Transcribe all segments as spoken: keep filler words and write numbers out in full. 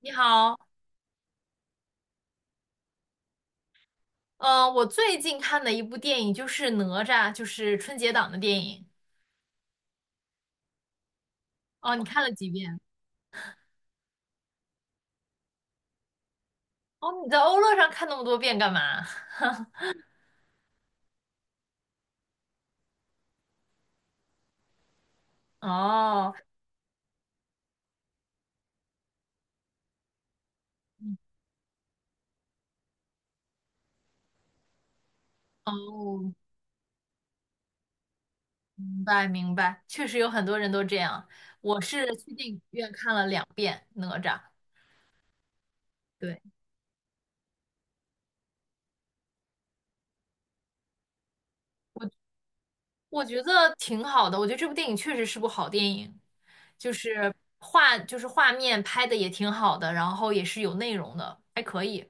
你好，呃，我最近看的一部电影就是《哪吒》，就是春节档的电影。哦，你看了几遍？哦，你在欧乐上看那么多遍干嘛？哦，嗯哦，明白明白，确实有很多人都这样。我是去电影院看了两遍《哪吒》，对，我我觉得挺好的，我觉得这部电影确实是部好电影，就是画就是画面拍的也挺好的，然后也是有内容的，还可以。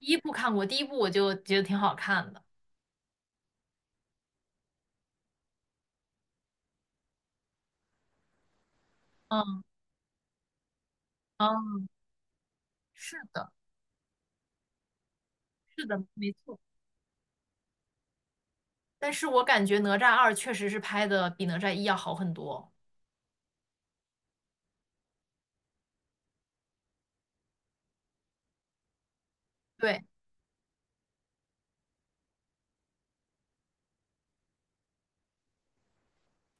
第一部看过，第一部我就觉得挺好看的。嗯嗯，是的，是的，没错。但是我感觉哪吒二确实是拍的比哪吒一要好很多。对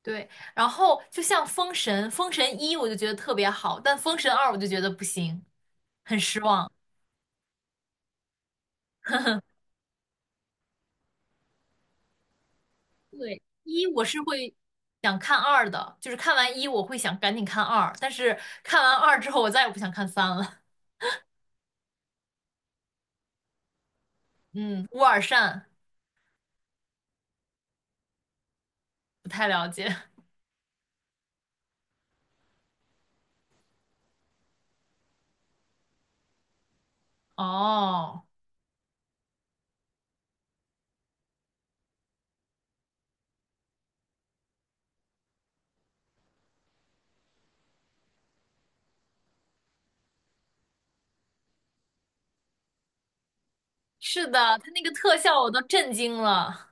对，然后就像封神，封神一我就觉得特别好，但封神二我就觉得不行，很失望。对，一我是会想看二的，就是看完一我会想赶紧看二，但是看完二之后我再也不想看三了。嗯，乌尔善不太了解。哦。是的，他那个特效我都震惊了，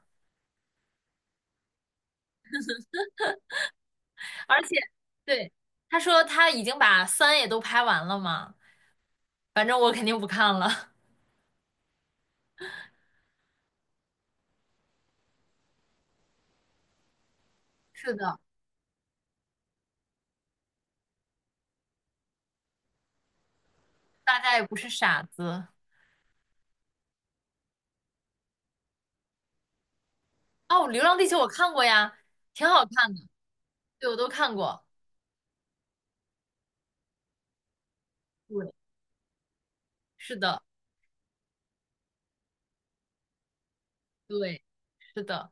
而且，对，他说他已经把三也都拍完了嘛，反正我肯定不看了。是的，大家也不是傻子。哦，《流浪地球》我看过呀，挺好看的，对，我都看过。对，是的，对，是的。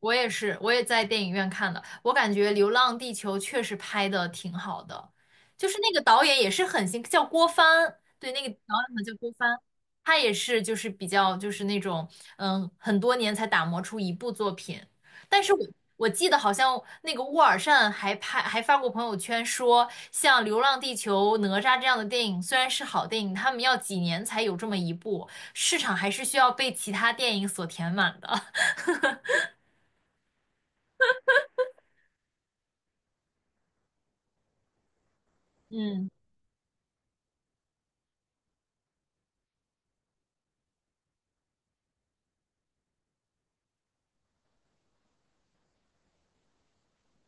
我也是，我也在电影院看的。我感觉《流浪地球》确实拍的挺好的，就是那个导演也是很新，叫郭帆，对，那个导演好像叫郭帆，他也是就是比较就是那种嗯很多年才打磨出一部作品。但是我我记得好像那个沃尔善还拍还发过朋友圈说，像《流浪地球》《哪吒》这样的电影虽然是好电影，他们要几年才有这么一部，市场还是需要被其他电影所填满的。嗯，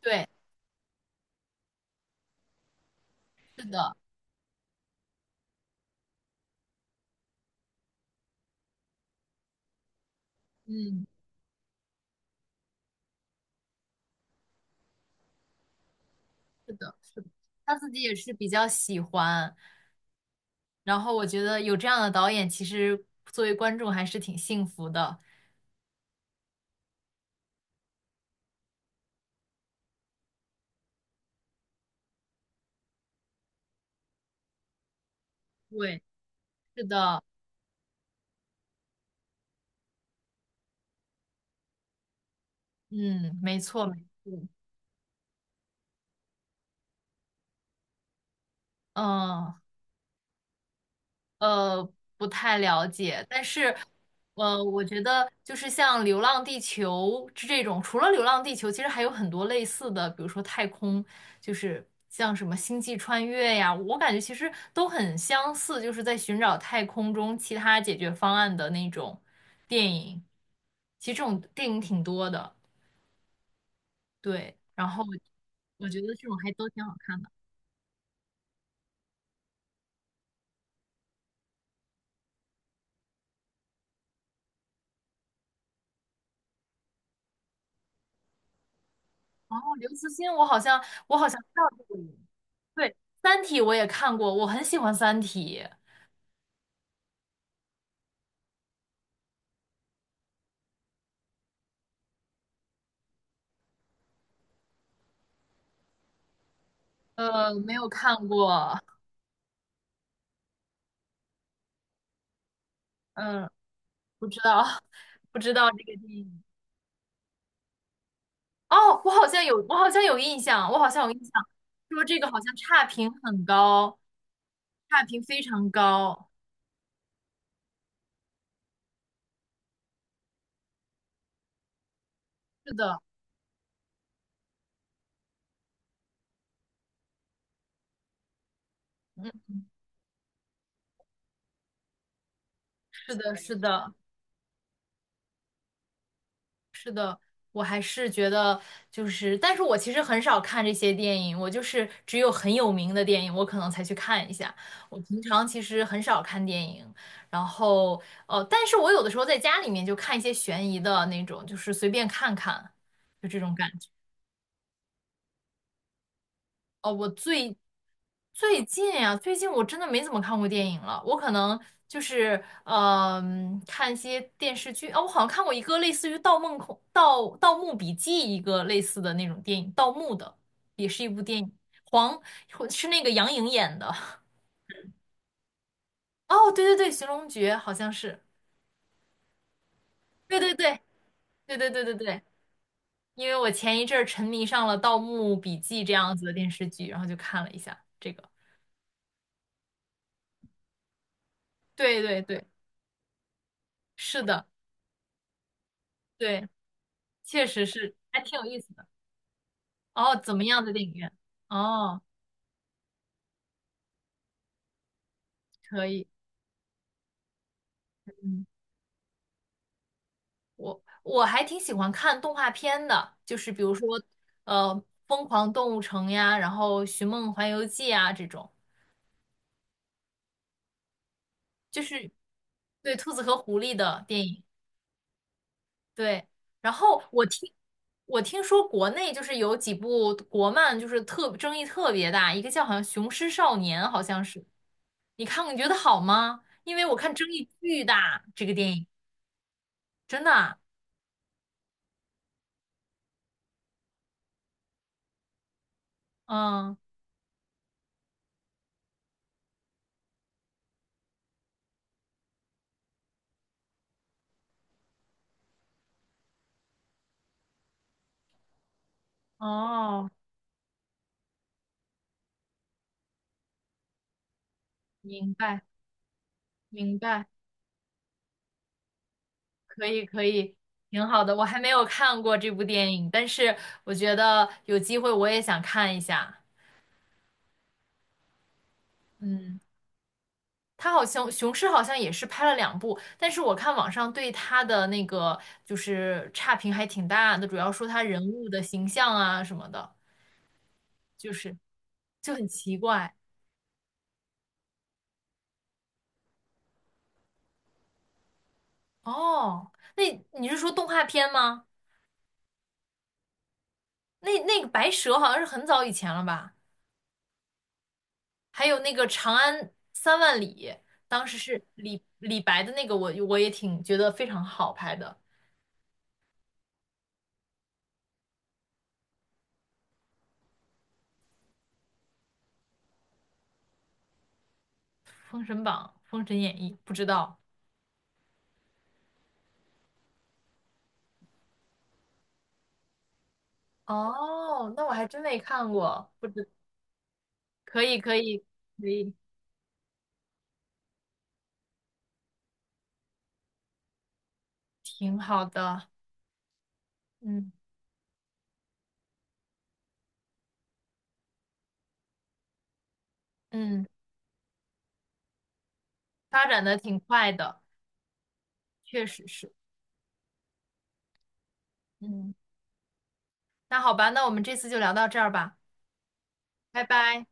对。是的。嗯，是的，是的，他自己也是比较喜欢，然后我觉得有这样的导演，其实作为观众还是挺幸福的。对，是的，嗯，没错，没错，嗯，呃，不太了解，但是，呃，我觉得就是像《流浪地球》这种，除了《流浪地球》，其实还有很多类似的，比如说太空，就是像什么《星际穿越》呀，我感觉其实都很相似，就是在寻找太空中其他解决方案的那种电影。其实这种电影挺多的，对。然后我觉得这种还都挺好看的。然后刘慈欣，我好像我好像知道这个人。对，《三体》我也看过，我很喜欢《三体》。呃，没有看过，嗯，不知道，不知道这个电影。哦，我好像有，我好像有印象，我好像有印象，说这个好像差评很高，差评非常高。是的，嗯，是的，是的。我还是觉得就是，但是我其实很少看这些电影，我就是只有很有名的电影，我可能才去看一下。我平常其实很少看电影，然后呃，但是我有的时候在家里面就看一些悬疑的那种，就是随便看看，就这种感觉。哦，我最最近呀、最近我真的没怎么看过电影了。我可能就是嗯、看一些电视剧啊。我好像看过一个类似于《盗梦空》《盗盗墓笔记》一个类似的那种电影，盗墓的，也是一部电影，黄是那个杨颖演的。哦，对对对，《寻龙诀》好像是，对对对对对对对对。因为我前一阵儿沉迷上了《盗墓笔记》这样子的电视剧，然后就看了一下这个。对对对，是的，对，确实是，还挺有意思。的。哦，怎么样的电影院？哦，可以，嗯，我我还挺喜欢看动画片的，就是比如说，呃，《疯狂动物城》呀，然后《寻梦环游记》啊这种，就是对兔子和狐狸的电影。对，然后我听我听说国内就是有几部国漫，就是特争议特别大，一个叫好像《雄狮少年》，好像是，你看过你觉得好吗？因为我看争议巨大，这个电影真的啊嗯。哦，明白，明白，可以，可以，挺好的。我还没有看过这部电影，但是我觉得有机会我也想看一下。嗯，他好像雄狮好像也是拍了两部，但是我看网上对他的那个就是差评还挺大的，主要说他人物的形象啊什么的，就是就很奇怪。哦，那你是说动画片吗？那那个白蛇好像是很早以前了吧？还有那个《长安三万里》，当时是李李白的那个我，我也挺觉得非常好拍的，《封神榜》《封神演义》，不知道哦，那我还真没看过，不知可以，可以，可以，挺好的，嗯嗯，发展的挺快的，确实是，嗯，那好吧，那我们这次就聊到这儿吧，拜拜。